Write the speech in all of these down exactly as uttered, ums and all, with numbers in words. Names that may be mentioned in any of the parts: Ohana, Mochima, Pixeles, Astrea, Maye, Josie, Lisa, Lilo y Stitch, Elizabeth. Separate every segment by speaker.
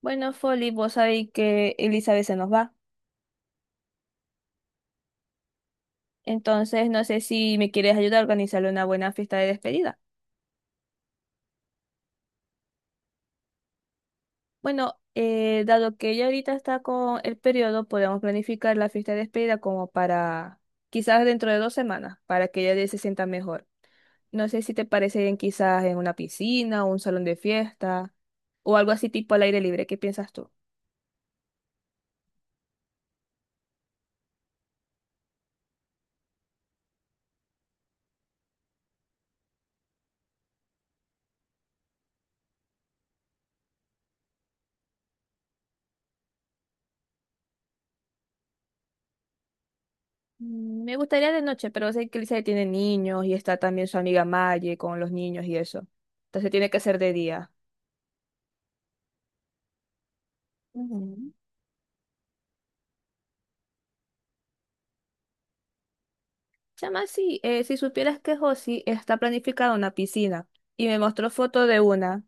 Speaker 1: Bueno, Folly, vos sabéis que Elizabeth se nos va. Entonces, no sé si me quieres ayudar a organizarle una buena fiesta de despedida. Bueno, eh, dado que ella ahorita está con el periodo, podemos planificar la fiesta de despedida como para quizás dentro de dos semanas, para que ella se sienta mejor. No sé si te parece bien quizás en una piscina o un salón de fiesta o algo así tipo al aire libre. ¿Qué piensas tú? Mm, Me gustaría de noche, pero sé que Lisa tiene niños y está también su amiga Maye con los niños y eso. Entonces tiene que ser de día. Ujú. Chama, sí, eh, si supieras que Josie está planificada una piscina y me mostró foto de una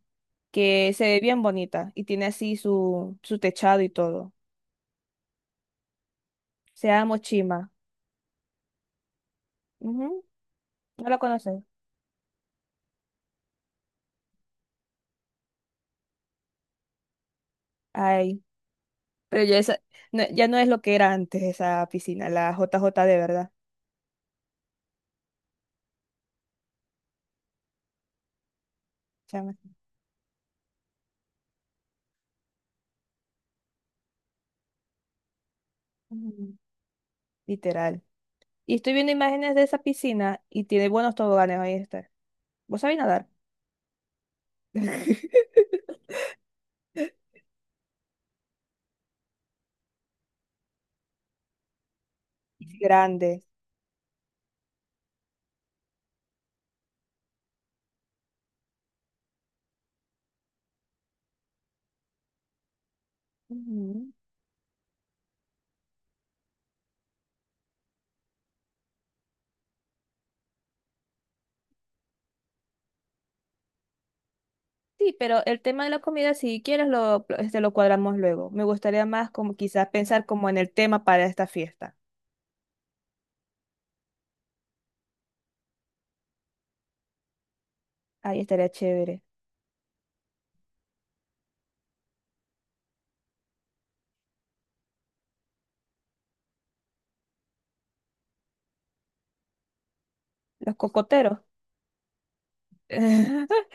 Speaker 1: que se ve bien bonita y tiene así su, su techado y todo. Se llama Mochima. Ujú. ¿No la conoces? Ay, pero ya, esa, no- ya no es lo que era antes esa piscina, la J J de verdad. Chama. Ujú. Literal. Y estoy viendo imágenes de esa piscina y tiene buenos toboganes, ahí está. ¿Vos sabés nadar? Es grande. Ujú. Sí, pero el tema de la comida, si quieres, lo, pl- este, lo cuadramos luego. Me gustaría más como quizás pensar como en el tema para esta fiesta. Ahí estaría chévere. Los cocoteros.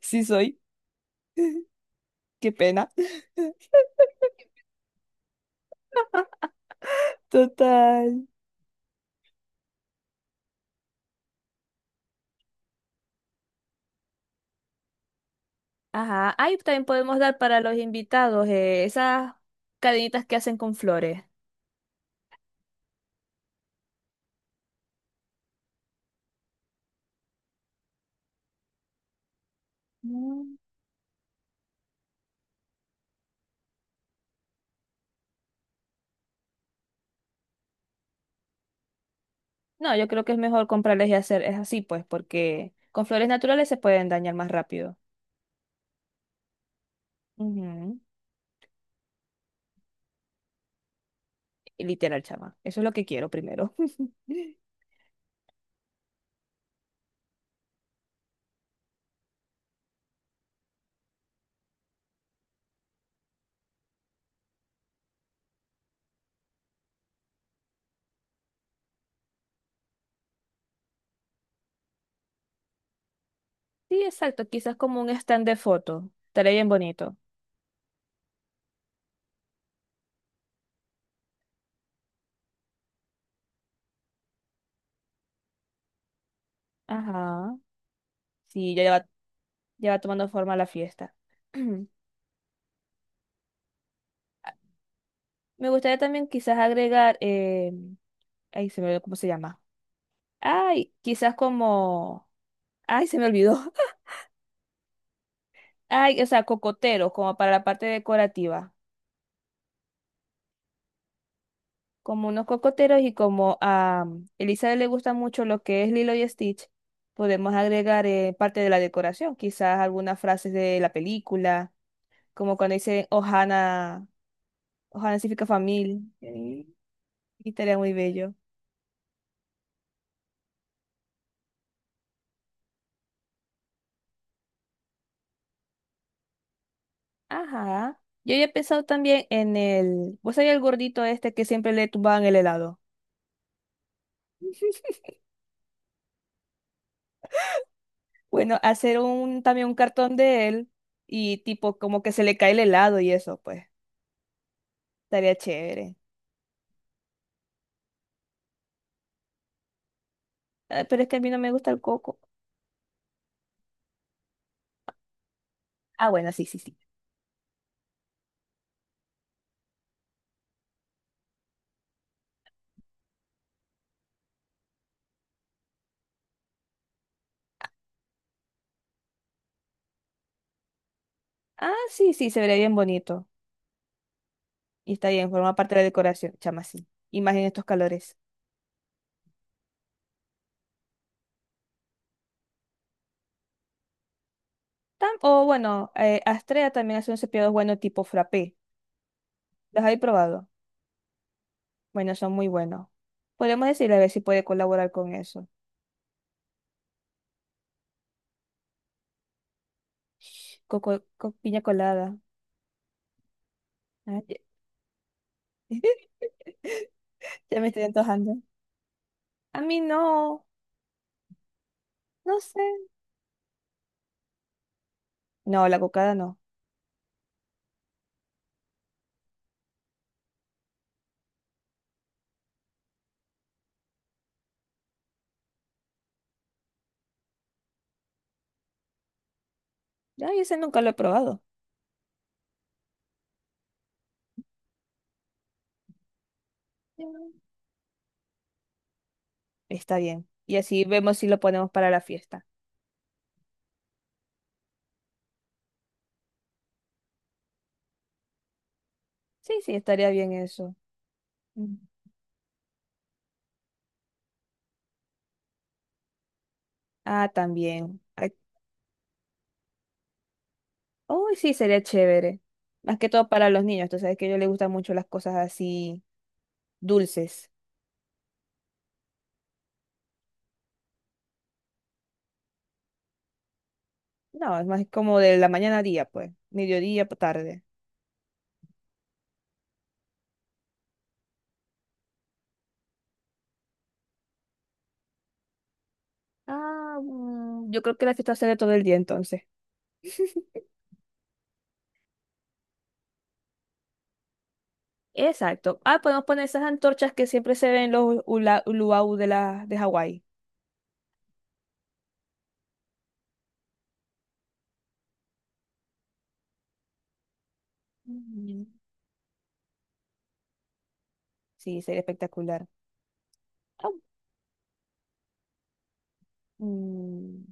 Speaker 1: Sí soy, qué pena. Total. Ajá, ahí también podemos dar para los invitados eh, esas cadenitas que hacen con flores. Mm. No, yo creo que es mejor comprarles y hacer, es así pues, porque con flores naturales se pueden dañar más rápido. Ujú. Y literal, chama. Eso es lo que quiero primero. Sí, exacto. Quizás como un stand de foto. Estaría bien bonito. Ajá. Sí, ya va, ya va tomando forma la fiesta. Me gustaría también quizás agregar, eh, ay, se me olvidó cómo se llama. Ay, quizás como, ay, se me olvidó. Ay, o sea, cocoteros, como para la parte decorativa. Como unos cocoteros y como a Elizabeth le gusta mucho lo que es Lilo y Stitch, podemos agregar eh, parte de la decoración, quizás algunas frases de la película, como cuando dice Ohana, Ohana significa familia. eh, Y estaría muy bello. Ajá. Yo ya he pensado también en el. ¿Vos sabés el gordito este que siempre le tumbaban el helado? Bueno, hacer un también un cartón de él y tipo como que se le cae el helado y eso, pues, estaría chévere. Ah, pero es que a mí no me gusta el coco. Ah, bueno, sí, sí, sí. Ah, sí, sí, se vería bien bonito. Y está bien, forma parte de la decoración, chama, sí. Y más en estos calores. Tam- o bueno, eh, Astrea también hace un cepillado bueno tipo frappé. ¿Los habéis probado? Bueno, son muy buenos. Podemos decirle a ver si puede colaborar con eso. Coco, co- piña colada. Ah, ya ya me estoy antojando. A mí no. No sé. No, la cocada no. Ay, ese nunca lo he probado. Ya. Está bien. Y así vemos si lo ponemos para la fiesta. Sí, sí, estaría bien eso. Mm. Ah, también. Ay, oh, sí, sería chévere. Más que todo para los niños. Tú sabes que a ellos les gustan mucho las cosas así dulces. No, es más como de la mañana a día, pues. Mediodía, pa- tarde. Ah, mm, yo creo que la fiesta será todo el día entonces. Exacto. Ah, podemos poner esas antorchas que siempre se ven en los ula- luau de, la, de Hawái. Mm. Sí, sería espectacular. Ah, mm,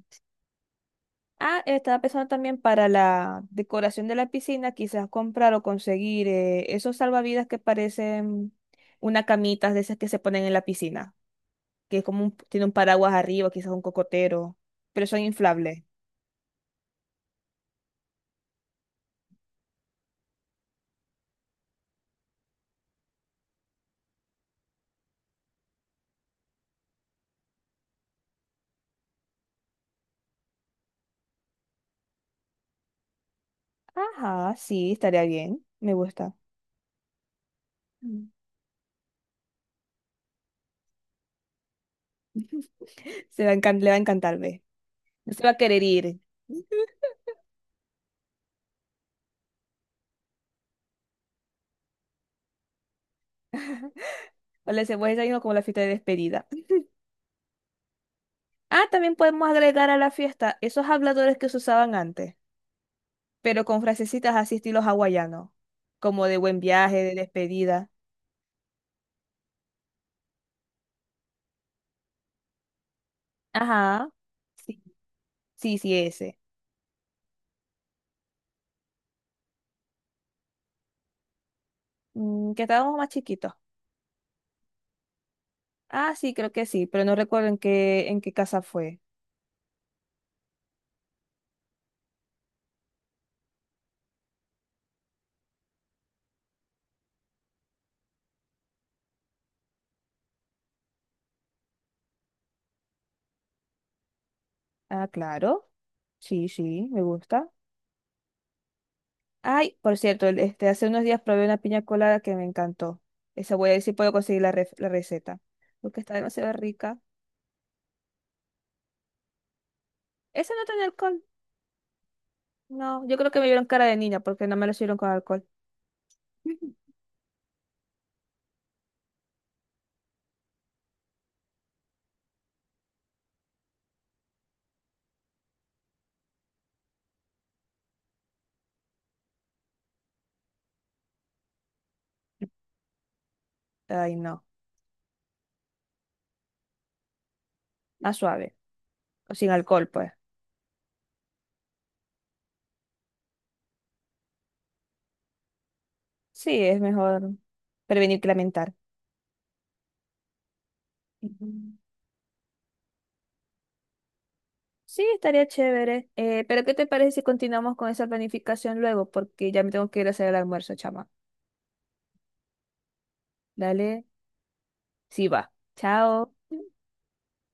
Speaker 1: ah, estaba pensando también para la decoración de la piscina, quizás comprar o conseguir eh, esos salvavidas que parecen una camita de esas que se ponen en la piscina, que es como un- tiene un paraguas arriba, quizás un cocotero, pero son inflables. Ajá, sí, estaría bien, me gusta. Mm. Se va a encan- le va a encantar, ve. No se va a querer ir. O le hacemos desayuno como la fiesta de despedida. Ah, también podemos agregar a la fiesta esos habladores que se usaban antes, pero con frasecitas así estilo hawaiano, como de buen viaje, de despedida. Ajá. Sí, sí, sí, ese. Mm, que estábamos más chiquitos. Ah, sí, creo que sí, pero no recuerdo en qué, en qué casa fue. Ah, claro. Sí, sí, me gusta. Ay, por cierto, el- este, hace unos días probé una piña colada que me encantó. Esa voy a ver si puedo conseguir la, ref- la receta, porque está demasiado rica. Esa no tiene alcohol. No, yo creo que me vieron cara de niña porque no me lo sirvieron con alcohol. Ay, no. Más suave. O sin alcohol, pues. Sí, es mejor prevenir que lamentar. Ujú. Sí, estaría chévere. Eh, ¿pero qué te parece si continuamos con esa planificación luego? Porque ya me tengo que ir a hacer el almuerzo, chama. Dale. Sí, va. Chao.